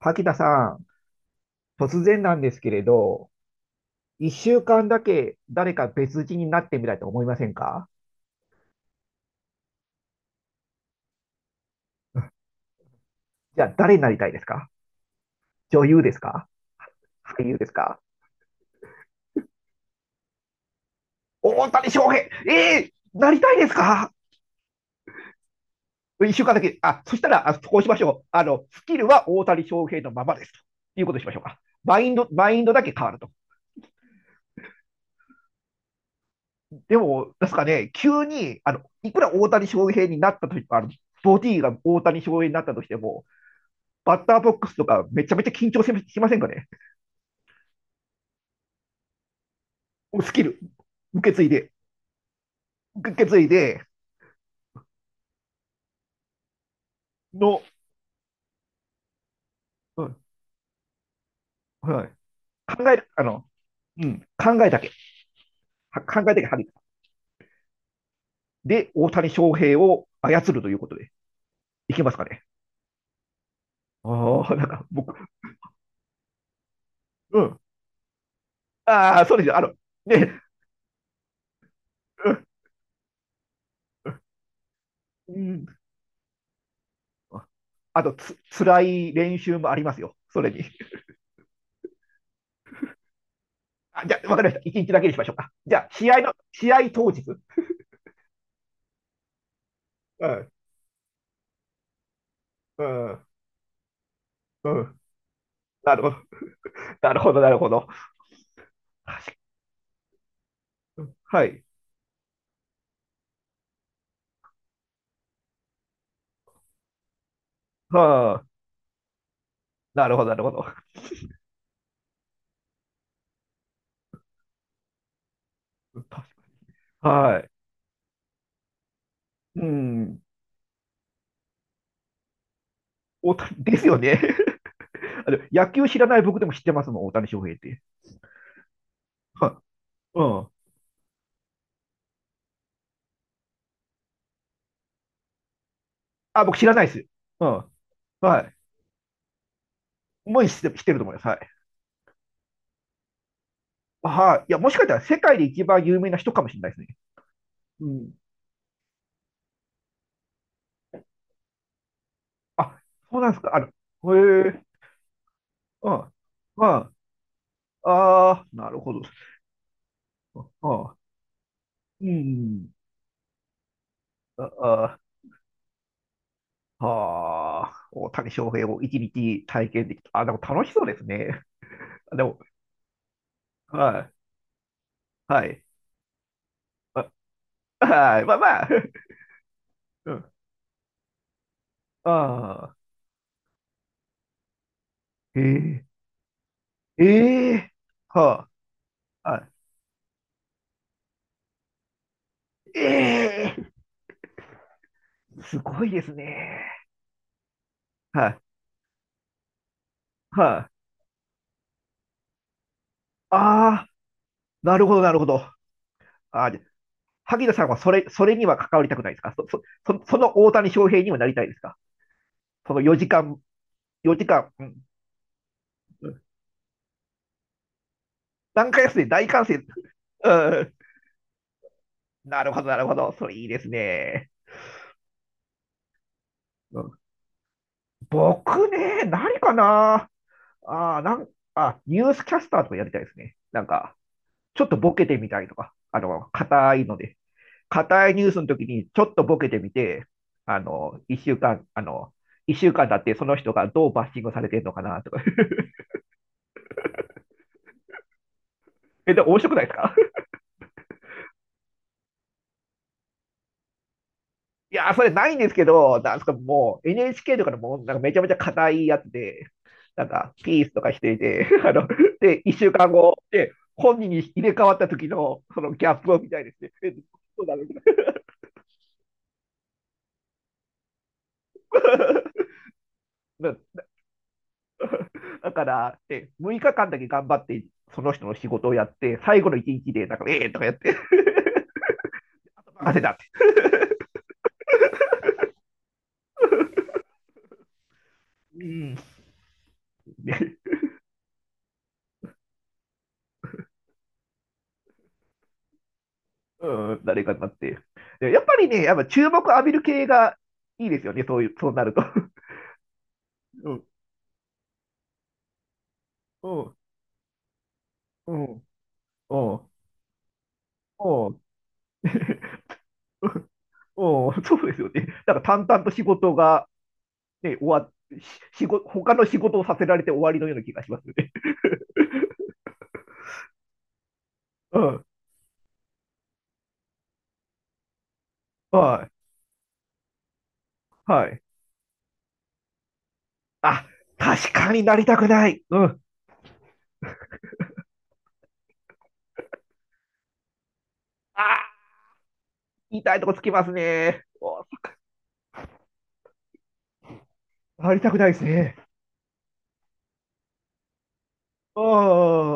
柿田さん、突然なんですけれど、一週間だけ誰か別人になってみたいと思いませんか？じゃあ誰になりたいですか？女優ですか？俳優ですか？大谷翔平、ええ、なりたいですか？一週間だけ。あ、そしたら、あ、こうしましょう。スキルは大谷翔平のままです。ということにしましょうか。マインド、マインドだけ変わると。でも、ですかね、急に、いくら大谷翔平になったとき、ボディが大谷翔平になったとしても、バッターボックスとかめちゃめちゃ緊張しませんかね？スキル、受け継いで、受け継いでの、うん、はい、考える、うん、考えだけ、は考えだけ、はり、で、大谷翔平を操るということで、いけますかね。ああ、なんか僕、うん、ああ、そうですよ、あの、ね、うん、うん、あとつ、辛い練習もありますよ、それに。あ、じゃあ、わかりました、一日だけにしましょうか。じゃあ、試合の、試合当日。うん、うん、うん。なるほど、なるほど、なるほど。はい。はあ、なるほど、なるほど。確か、はい。うん。大谷、ですよね。野球知らない僕でも知ってますもん、大谷翔平って。はい。うん。あ、僕知らないです。うん。はい。もう知って、知ってると思います。はい。はい。いや、もしかしたら世界で一番有名な人かもしれないですね。うん。あ、そうなんですか。へえ。うん。うん。ああ、なるほど。うん。うん、ああ、はあ、大谷翔平を一日体験できた。あ、でも楽しそうですね。でも、はい。はい。はい。まあまあ。うん。ああ。ええ。ええ。はあ。はい。ええ。すごいですね。はい。はい。ああ。なるほど、なるほど。ああ、じゃ、萩野さんはそれ、それには関わりたくないですか？そ、そ、そ、その大谷翔平にはなりたいですか？その4時間、4時間、うん、うん、短歌ですね、大歓声。うん。なるほど、なるほど。それいいですね。うん、僕ね、何かな、ああ、なん、あ、ニュースキャスターとかやりたいですね。ちょっとボケてみたりとか、硬いので、硬いニュースの時にちょっとボケてみて、一週間、一週間だってその人がどうバッシングされてるのかなとか。え、でも面白くないですか？ いやー、それないんですけど、なんすか、もう NHK とかのもうなんかめちゃめちゃ硬いやつで、なんかピースとかしていて、で、一週間後で本人に入れ替わった時のそのギャップを見たいですね。え、そうなのか。 だから、で6日間だけ頑張って、その人の仕事をやって、最後の一日で、なんか、ええー、とかやって、任せたって。うん、うん、誰かになって。やっぱりね、やっぱ注目浴びる系がいいですよね、そういう、そうなると。うん、うん、うん、うん、うん、うん、そうですよね。なんか淡々と仕事が、ね、終わっ、し、仕事、他の仕事をさせられて終わりのような気がしますよね。うん、はい、はい。あ、確かになりたくない。うん。あ、痛いとこつきますね。お、触りたくないですね。あ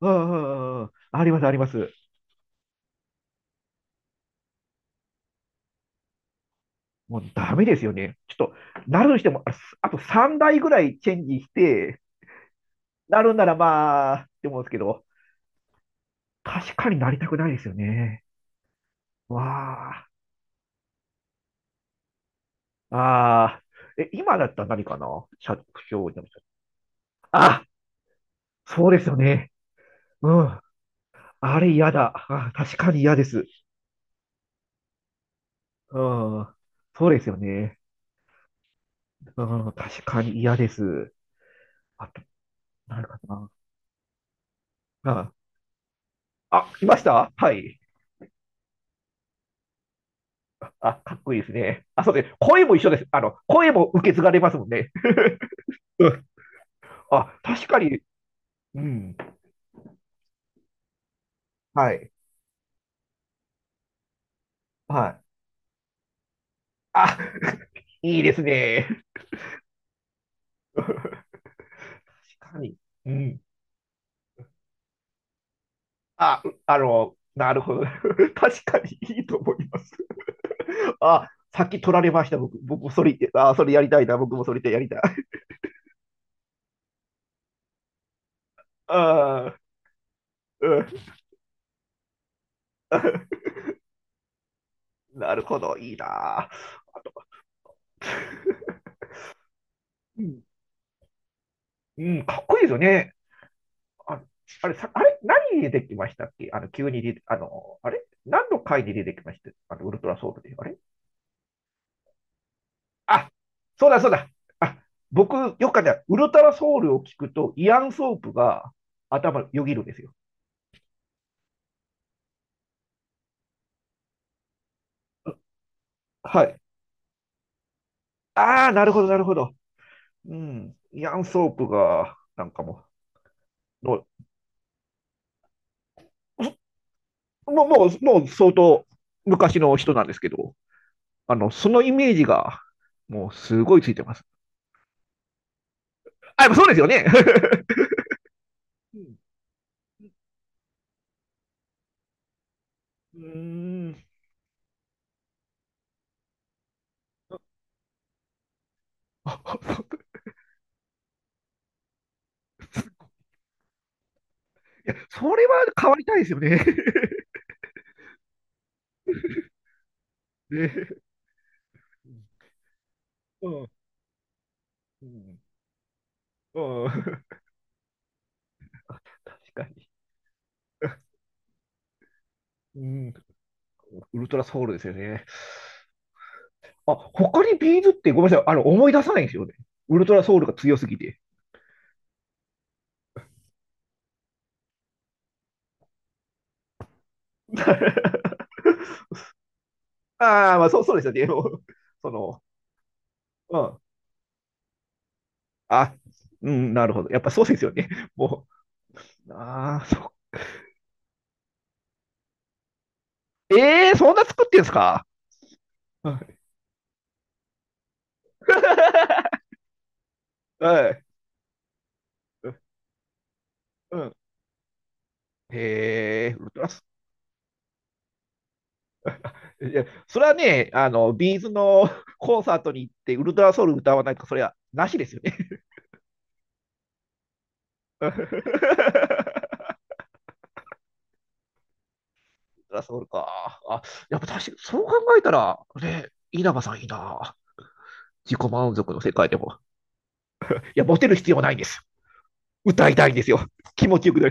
あ、あ、あります、あります。もうダメですよね。ちょっと、なるにしても、あ、あと3台ぐらいチェンジして、なるんならまあ、って思うんですけど、確かになりたくないですよね。わあ、ああ、え、今だったら何かな、社長になりたい。あ、そうですよね。うん。あれ嫌だ。あ、確かに嫌です。うん。そうですよね。うん、確かに嫌です。あ、なるほど、あ、あ、来ました、はい。あ、かっこいいですね。あ、そうです。声も一緒です。声も受け継がれますもんね。うん、あ、確かに。うん。はい。はい。あ、いいですね。確かに。うん。あ、う、なるほど。確かにいいと思います。あ、さっき取られました、僕。僕もそれ、あ、それやりたいな。僕もそれでやりたい。ああ、うん。なるほど。いいな。うん。うん、かっこいいですよね。あ、あれ、さ、あれ、何に出てきましたっけ？急に出て、あの、あれ何の回に出てきました？あの、ウルトラソウルで。あれ、あ、そうだそうだ。あ、僕、よくあるウルトラソウルを聞くと、イアン・ソープが頭よぎるんですよ。はい。ああ、なるほど、なるほど。うん。イアン・ソープが、なんかもう、のもう、もう、もう相当昔の人なんですけど、そのイメージが、もうすごいついてます。あ、やっぱそうですよね。うん。うーん。あ、いや、それは変わりたいですよね。ね、うん。うん。うん。確かに。うん。ウルトラソウルですよね。あ、他にビーズってごめんなさい。思い出さないんですよね。ウルトラソウルが強すぎて。ああ、まあそう、そうですよね。もうその、うん。あ、うん、なるほど。やっぱそうですよね。もう、ああ、そ、ええー、そんな作ってんすか？はい。はい。うん。へえ、ウルトラ、いや、それはね、ビーズの コンサートに行って、ウルトラソウル歌わないとか、それはなしですよね。ウルトラソウルか。あ、やっぱ確かに、そう考えたら、ね、稲葉さんいいな。自己満足の世界でも。いや、モテる必要はないんです。歌いたいんですよ。気持ちよくな